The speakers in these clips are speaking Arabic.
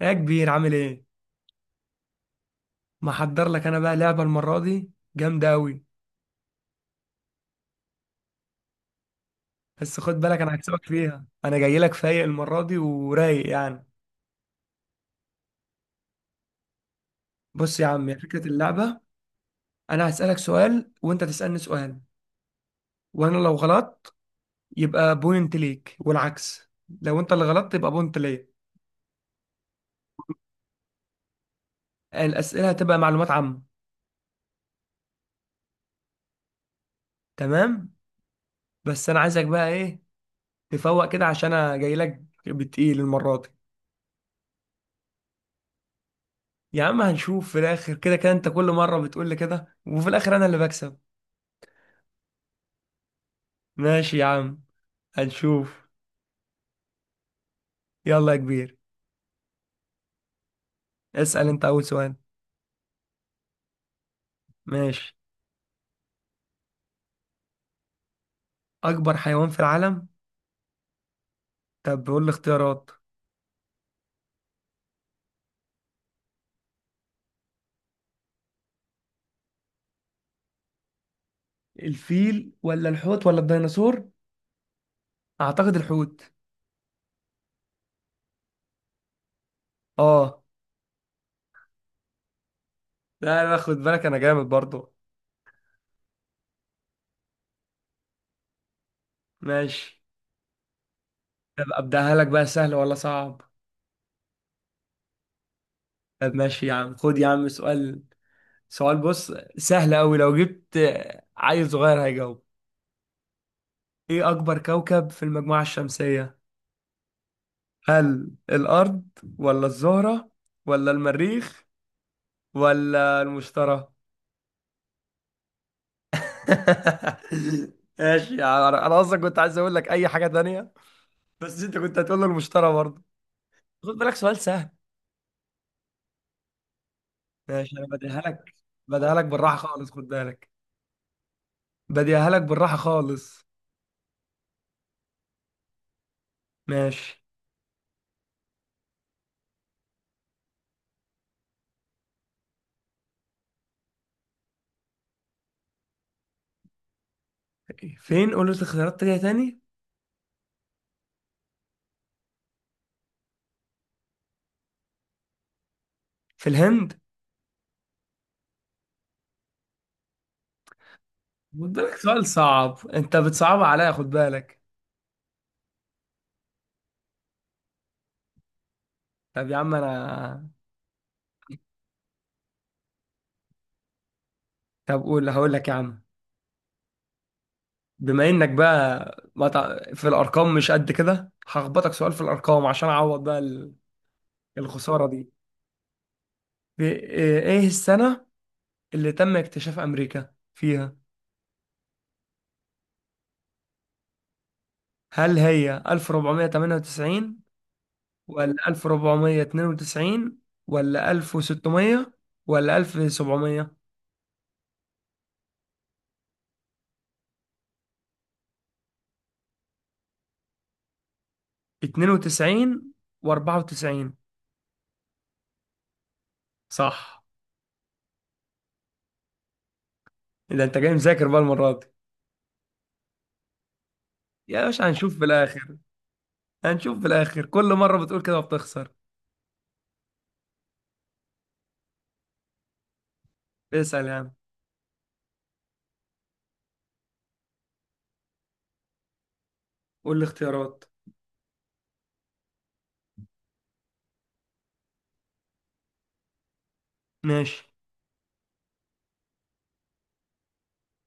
يا كبير عامل ايه. محضر لك انا بقى لعبه المره دي جامده قوي. بس خد بالك انا هكسبك فيها، انا جاي لك فايق المره دي ورايق يعني. بص يا عم هي فكره اللعبه، انا هسالك سؤال وانت تسالني سؤال، وانا لو غلطت يبقى بوينت ليك والعكس، لو انت اللي غلطت يبقى بوينت ليا. الاسئله هتبقى معلومات عامه. تمام. بس انا عايزك بقى ايه، تفوق كده عشان انا جاي لك بتقيل المره دي. يا عم هنشوف في الاخر، كده كده انت كل مره بتقول لي كده وفي الاخر انا اللي بكسب. ماشي يا عم، هنشوف. يلا يا كبير، اسأل انت اول سؤال. ماشي. اكبر حيوان في العالم؟ طب بقول لي اختيارات. الفيل ولا الحوت ولا الديناصور؟ اعتقد الحوت. اه. لا لا خد بالك انا جامد برضو. ماشي. طب ابداها لك بقى سهل ولا صعب؟ طب ماشي يا عم، خد يا عم سؤال. سؤال بص سهل قوي، لو جبت عيل صغير هيجاوب. ايه اكبر كوكب في المجموعة الشمسية؟ هل الارض ولا الزهرة ولا المريخ ولا المشترى؟ ماشي، يعني انا اصلا كنت عايز اقول لك اي حاجه تانية، بس انت كنت هتقول له المشترى برضه. خد بالك سؤال سهل. ماشي انا بديها لك. بديها لك بالراحه خالص خد بالك. بديها لك بالراحه خالص. ماشي. فين؟ قول لي اختيارات تانية تاني. في الهند. خد بالك سؤال صعب، انت بتصعبها عليا خد بالك. طب يا عم انا، طب قول هقول لك يا عم. بما انك بقى ما تع- في الارقام مش قد كده، هخبطك سؤال في الارقام عشان اعوض بقى الخسارة دي. إيه السنة اللي تم اكتشاف أمريكا فيها؟ هل هي 1498 ولا 1492 ولا 1600 ولا 1792 و94؟ صح. إذا أنت جاي مذاكر بقى المرة دي. يا باشا هنشوف في الآخر. هنشوف في الآخر، كل مرة بتقول كده وبتخسر. اسأل يا عم. قول لي اختيارات. ماشي.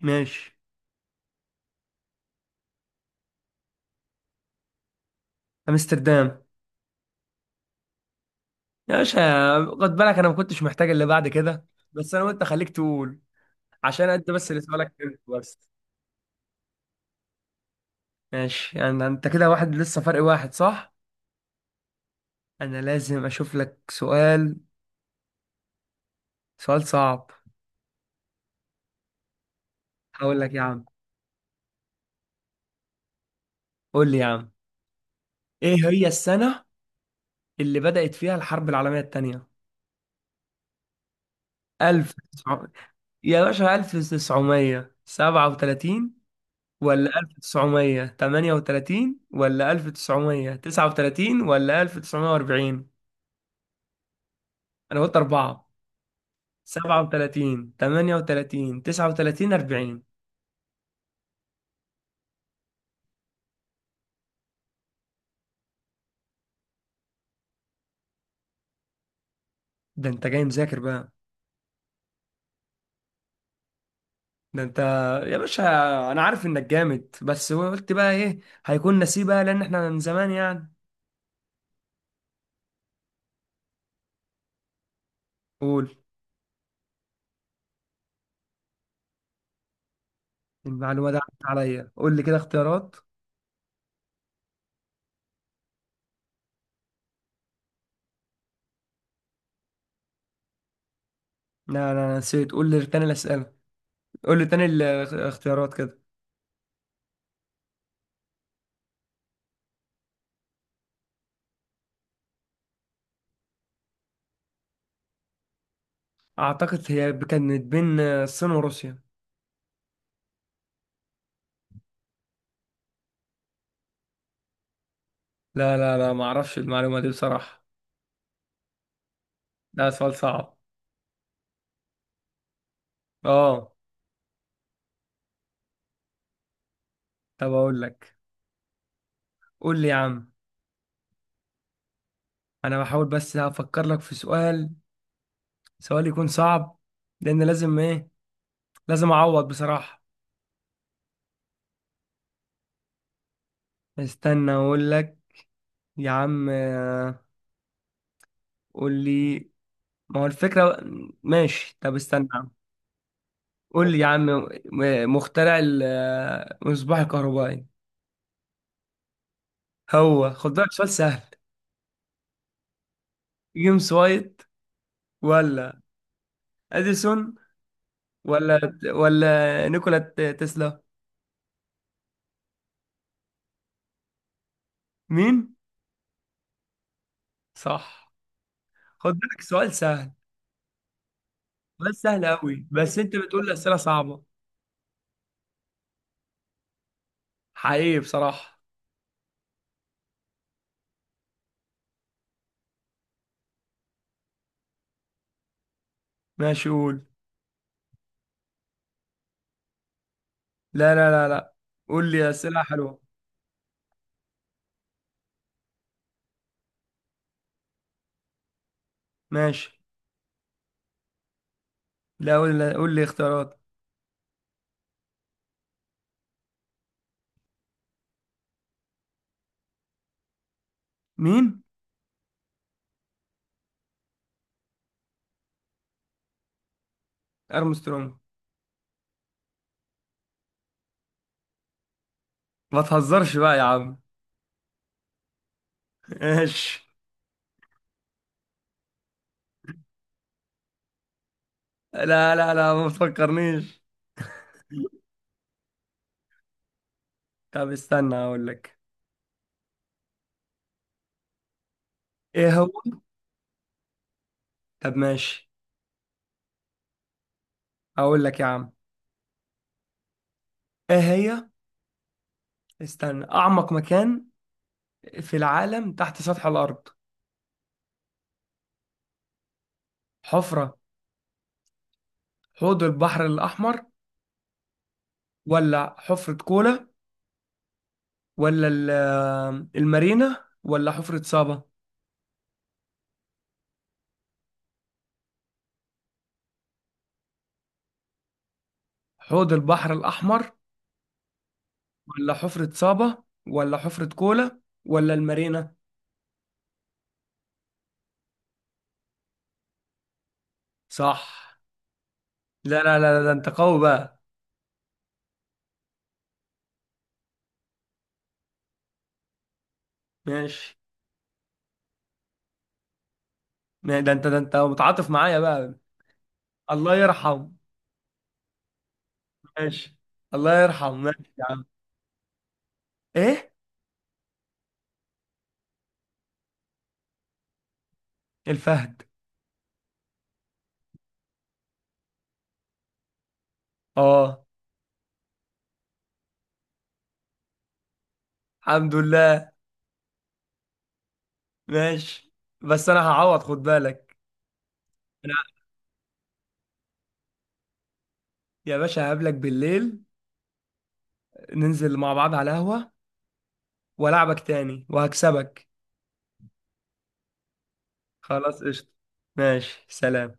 ماشي. أمستردام. يا باشا خد بالك انا ما كنتش محتاج اللي بعد كده. بس انا وانت خليك تقول، عشان انت بس اللي سؤالك كده بس. ماشي، يعني انت كده واحد لسه، فرق واحد صح. انا لازم اشوف لك سؤال، سؤال صعب. هقول لك يا عم. قول لي يا عم. ايه هي السنة اللي بدأت فيها الحرب العالمية التانية؟ 1900 يا باشا، 1937 ولا 1938 ولا 1939 ولا 1940؟ انا قلت أربعة، سبعة وتلاتين، تمانية وتلاتين، تسعة وتلاتين، أربعين. ده أنت جاي مذاكر بقى. ده أنت يا باشا، أنا عارف إنك جامد، بس قلت بقى إيه، هيكون نسيب بقى لأن إحنا من زمان يعني. قول. المعلومة دي عدت عليا، قول لي كده اختيارات. لا، أنا نسيت، قول لي تاني الأسئلة. قول لي تاني الاختيارات كده. أعتقد هي كانت بين الصين وروسيا. لا لا لا، ما أعرفش المعلومة دي بصراحة. ده سؤال صعب. آه. طب أقول لك. قول لي يا عم. انا بحاول بس افكر لك في سؤال، سؤال يكون صعب، لان لازم ايه، لازم اعوض بصراحة. استنى اقول لك. يا عم قول لي. ما هو الفكرة. ماشي طب استنى يا عم. قول لي يا عم. مخترع المصباح الكهربائي. هو خد بالك سؤال سهل. جيمس وايت، ولا اديسون، ولا ولا نيكولا تسلا؟ مين؟ صح. خد بالك سؤال سهل. سؤال سهل قوي بس انت بتقول لي اسئله صعبه. حقيقي بصراحه. ماشي قول. لا لا لا لا، قول لي أسئلة حلوة. ماشي. لا، قول لي اختيارات. مين؟ أرمسترونج. ما تهزرش بقى يا عم. ماشي. لا لا لا، ما تفكرنيش. طب استنى أقول لك. إيه هو. طب ماشي. أقول لك يا عم. إيه هي، استنى. أعمق مكان في العالم تحت سطح الأرض. حفرة. حوض البحر الأحمر ولا حفرة كولا ولا المارينا ولا حفرة صابا. حوض البحر الأحمر ولا حفرة صابة ولا حفرة كولا ولا المارينا. صح. لا لا لا لا، ده انت قوي بقى. ماشي. ده انت، ده انت متعاطف معايا بقى. الله يرحم. ماشي. الله يرحم ماشي يا عم. ايه؟ الفهد. اه. الحمد لله. ماشي. بس انا هعوض خد بالك. انا يا باشا هقابلك بالليل، ننزل مع بعض على قهوة والعبك تاني وهكسبك. خلاص قشطة. ماشي سلام.